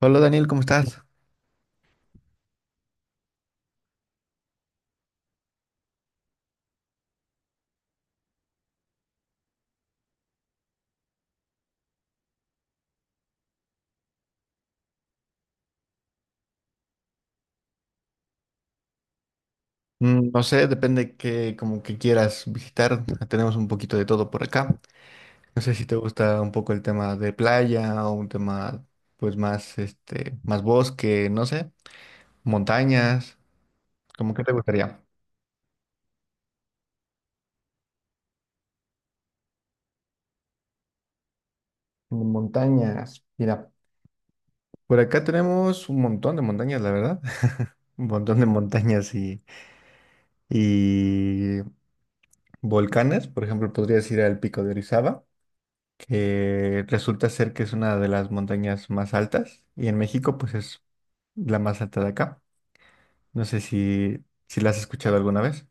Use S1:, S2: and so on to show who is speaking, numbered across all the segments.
S1: Hola Daniel, ¿cómo estás? Mm, no sé, depende que como que quieras visitar. Tenemos un poquito de todo por acá. No sé si te gusta un poco el tema de playa o un tema pues más más bosque, no sé, montañas, ¿cómo que te gustaría? Montañas. Mira, por acá tenemos un montón de montañas, la verdad. Un montón de montañas y volcanes, por ejemplo, podrías ir al Pico de Orizaba, que resulta ser que es una de las montañas más altas, y en México pues es la más alta de acá. No sé si, si la has escuchado alguna vez.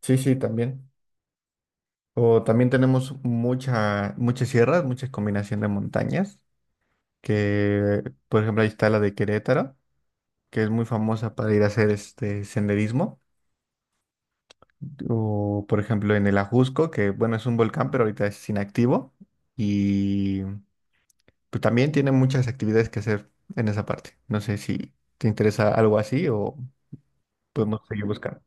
S1: Sí, sí, también. O también tenemos muchas sierras, mucha combinación de montañas, que por ejemplo ahí está la de Querétaro, que es muy famosa para ir a hacer senderismo. O por ejemplo en el Ajusco, que bueno, es un volcán, pero ahorita es inactivo. Pues también tiene muchas actividades que hacer en esa parte. No sé si te interesa algo así o podemos seguir buscando.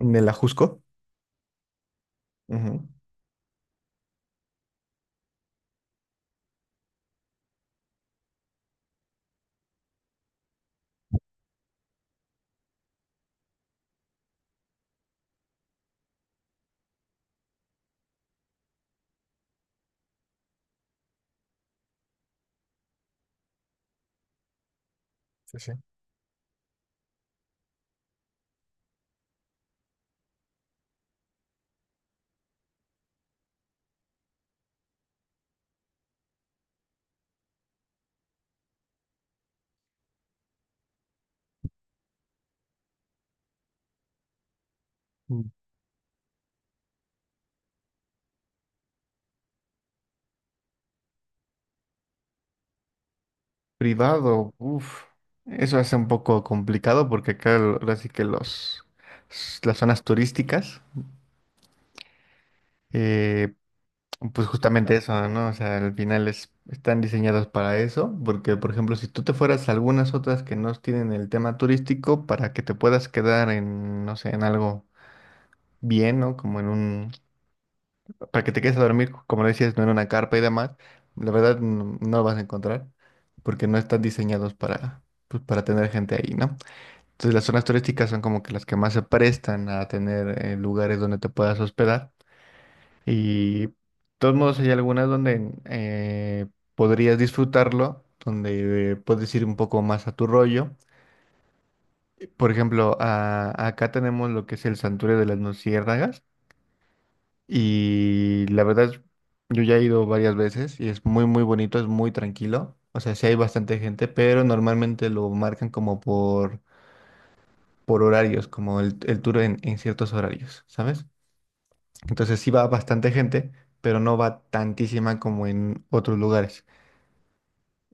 S1: En el Ajusco, ujú. Sí, sí. mm, Privado, eso hace un poco complicado porque acá ahora sí que las zonas turísticas, eh, pues justamente eso, ¿no? O sea, al final están diseñadas para eso, porque por ejemplo, si tú te fueras a algunas otras que no tienen el tema turístico, para que te puedas quedar en, no sé, en algo bien, ¿no? Como en un, para que te quedes a dormir, como lo decías, no en una carpa y demás, la verdad no, no lo vas a encontrar porque no están diseñados para, pues, para tener gente ahí, ¿no? Entonces las zonas turísticas son como que las que más se prestan a tener lugares donde te puedas hospedar. Y de todos modos hay algunas donde podrías disfrutarlo, donde puedes ir un poco más a tu rollo. Por ejemplo, acá tenemos lo que es el Santuario de las Luciérnagas. Y la verdad, yo ya he ido varias veces y es muy, muy bonito, es muy tranquilo. O sea, sí hay bastante gente, pero normalmente lo marcan como por horarios, como el tour en ciertos horarios, ¿sabes? Entonces sí va bastante gente, pero no va tantísima como en otros lugares.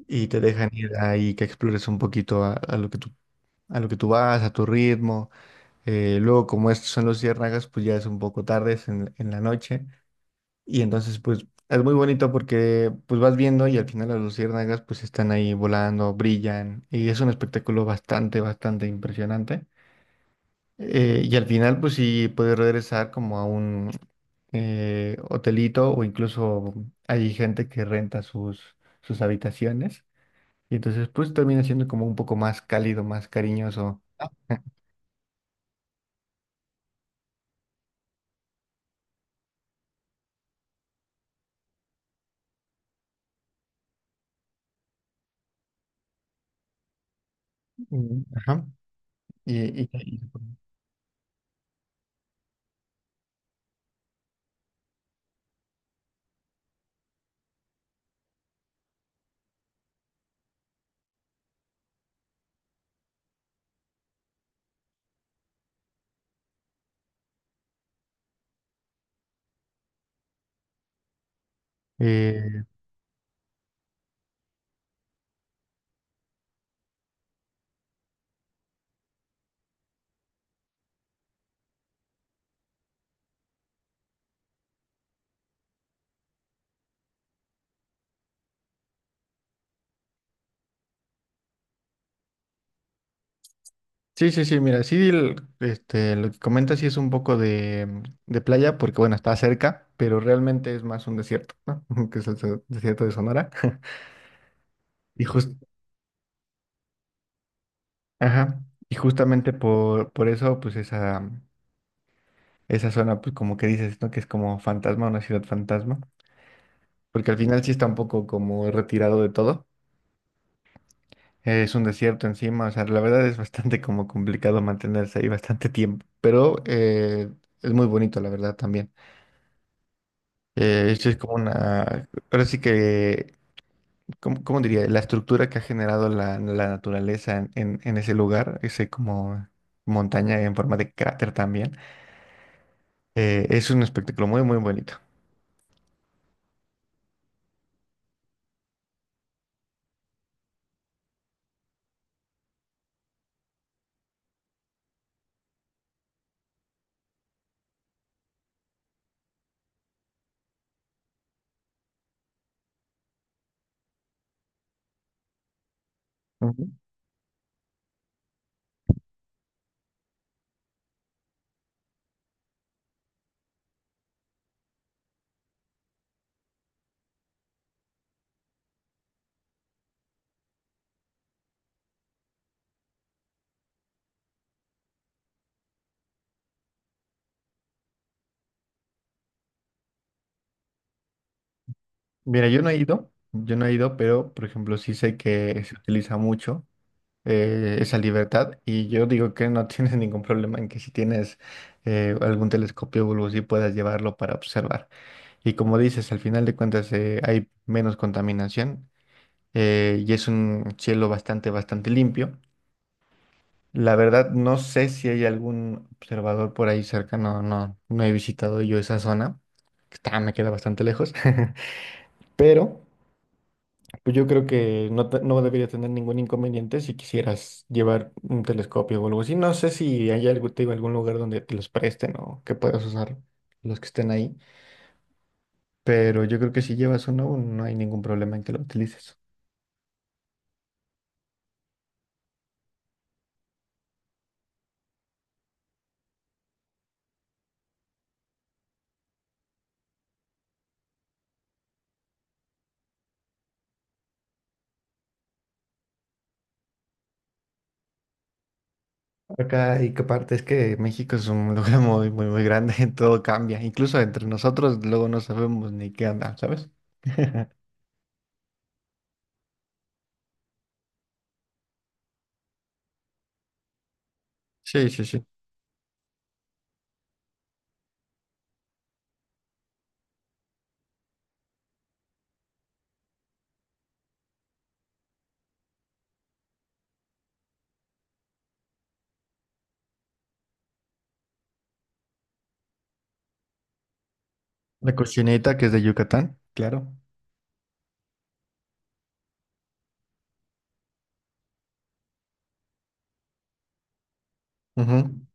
S1: Y te dejan ir ahí que explores un poquito a lo que a lo que tú vas, a tu ritmo. Luego, como estos son los ciérnagas, pues ya es un poco tarde, es en la noche. Y entonces, pues, es muy bonito porque, pues, vas viendo y al final las luciérnagas, pues, están ahí volando, brillan, y es un espectáculo bastante, bastante impresionante. Y al final, pues, sí puedes regresar como a un hotelito, o incluso hay gente que renta sus habitaciones. Y entonces, pues, termina siendo como un poco más cálido, más cariñoso. Ah. Ujú. Ajá. Y, y- y- eh, Sí, sí, sí, mira, sí, lo que comentas sí es un poco de, mm, de playa, porque bueno, está cerca, pero realmente es más un desierto, ¿no? Que es el desierto de Sonora. Y jus- ajá, y justamente por eso, pues esa, mm, esa zona, pues como que dices, ¿no? Que es como fantasma, una ciudad fantasma, porque al final sí está un poco como retirado de todo. Es un desierto encima, o sea, la verdad es bastante como complicado mantenerse ahí bastante tiempo, pero es muy bonito, la verdad, también. Sí es como una, ahora sí que, ¿cómo, cómo diría? La estructura que ha generado la naturaleza en ese lugar, ese como montaña en forma de cráter también, es un espectáculo muy, muy bonito. Ujú. Mira, yo no he ido, pero por ejemplo sí sé que se utiliza mucho esa libertad, y yo digo que no tienes ningún problema en que si tienes algún telescopio o algo así puedas llevarlo para observar. Y como dices, al final de cuentas hay menos contaminación, y es un cielo bastante, bastante limpio. La verdad, no sé si hay algún observador por ahí cerca, no, no, no he visitado yo esa zona, me queda bastante lejos, pero pues yo creo que no, no debería tener ningún inconveniente si quisieras llevar un telescopio o algo así. No sé si hay algo, te digo, algún lugar donde te los presten o que puedas usar los que estén ahí, pero yo creo que si llevas uno, no hay ningún problema en que lo utilices. Acá, y que aparte es que México es un lugar muy, muy, muy grande, todo cambia. Incluso entre nosotros luego no sabemos ni qué anda, ¿sabes? Sí, sí, sí. La cocineta, que es de Yucatán, claro. Ujú.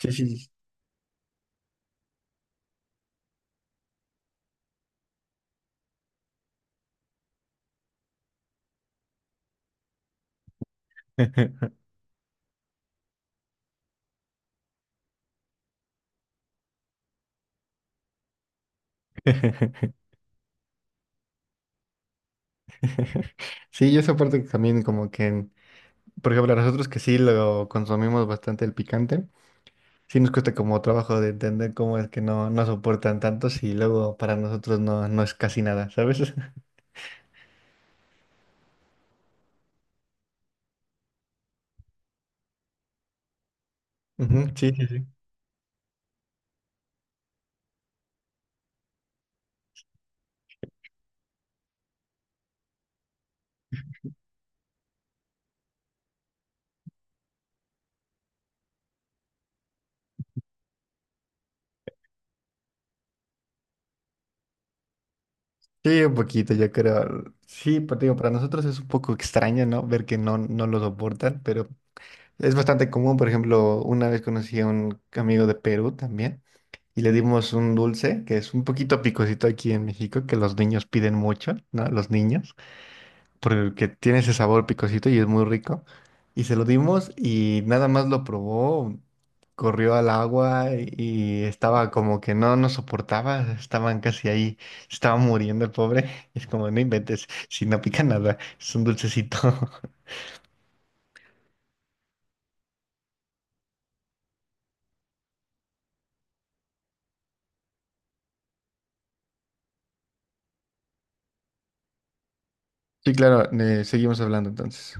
S1: Sí, sí, sí. Sí, yo esa parte también como que, por ejemplo, a nosotros que sí lo consumimos bastante el picante, sí nos cuesta como trabajo de entender cómo es que no, no soportan tanto, si luego para nosotros no, no es casi nada, ¿sabes? Ujú, sí, sí, sí. Sí, un poquito, yo creo. Sí, pero te digo, para nosotros es un poco extraño, ¿no? Ver que no, no lo soportan, pero es bastante común. Por ejemplo, una vez conocí a un amigo de Perú también y le dimos un dulce que es un poquito picosito aquí en México, que los niños piden mucho, ¿no? Los niños, porque tiene ese sabor picosito y es muy rico. Y se lo dimos y nada más lo probó, corrió al agua y estaba como que no nos soportaba, estaban casi ahí, estaba muriendo el pobre. Es como, no inventes, si no pica nada, es un dulcecito. Sí, claro, seguimos hablando entonces.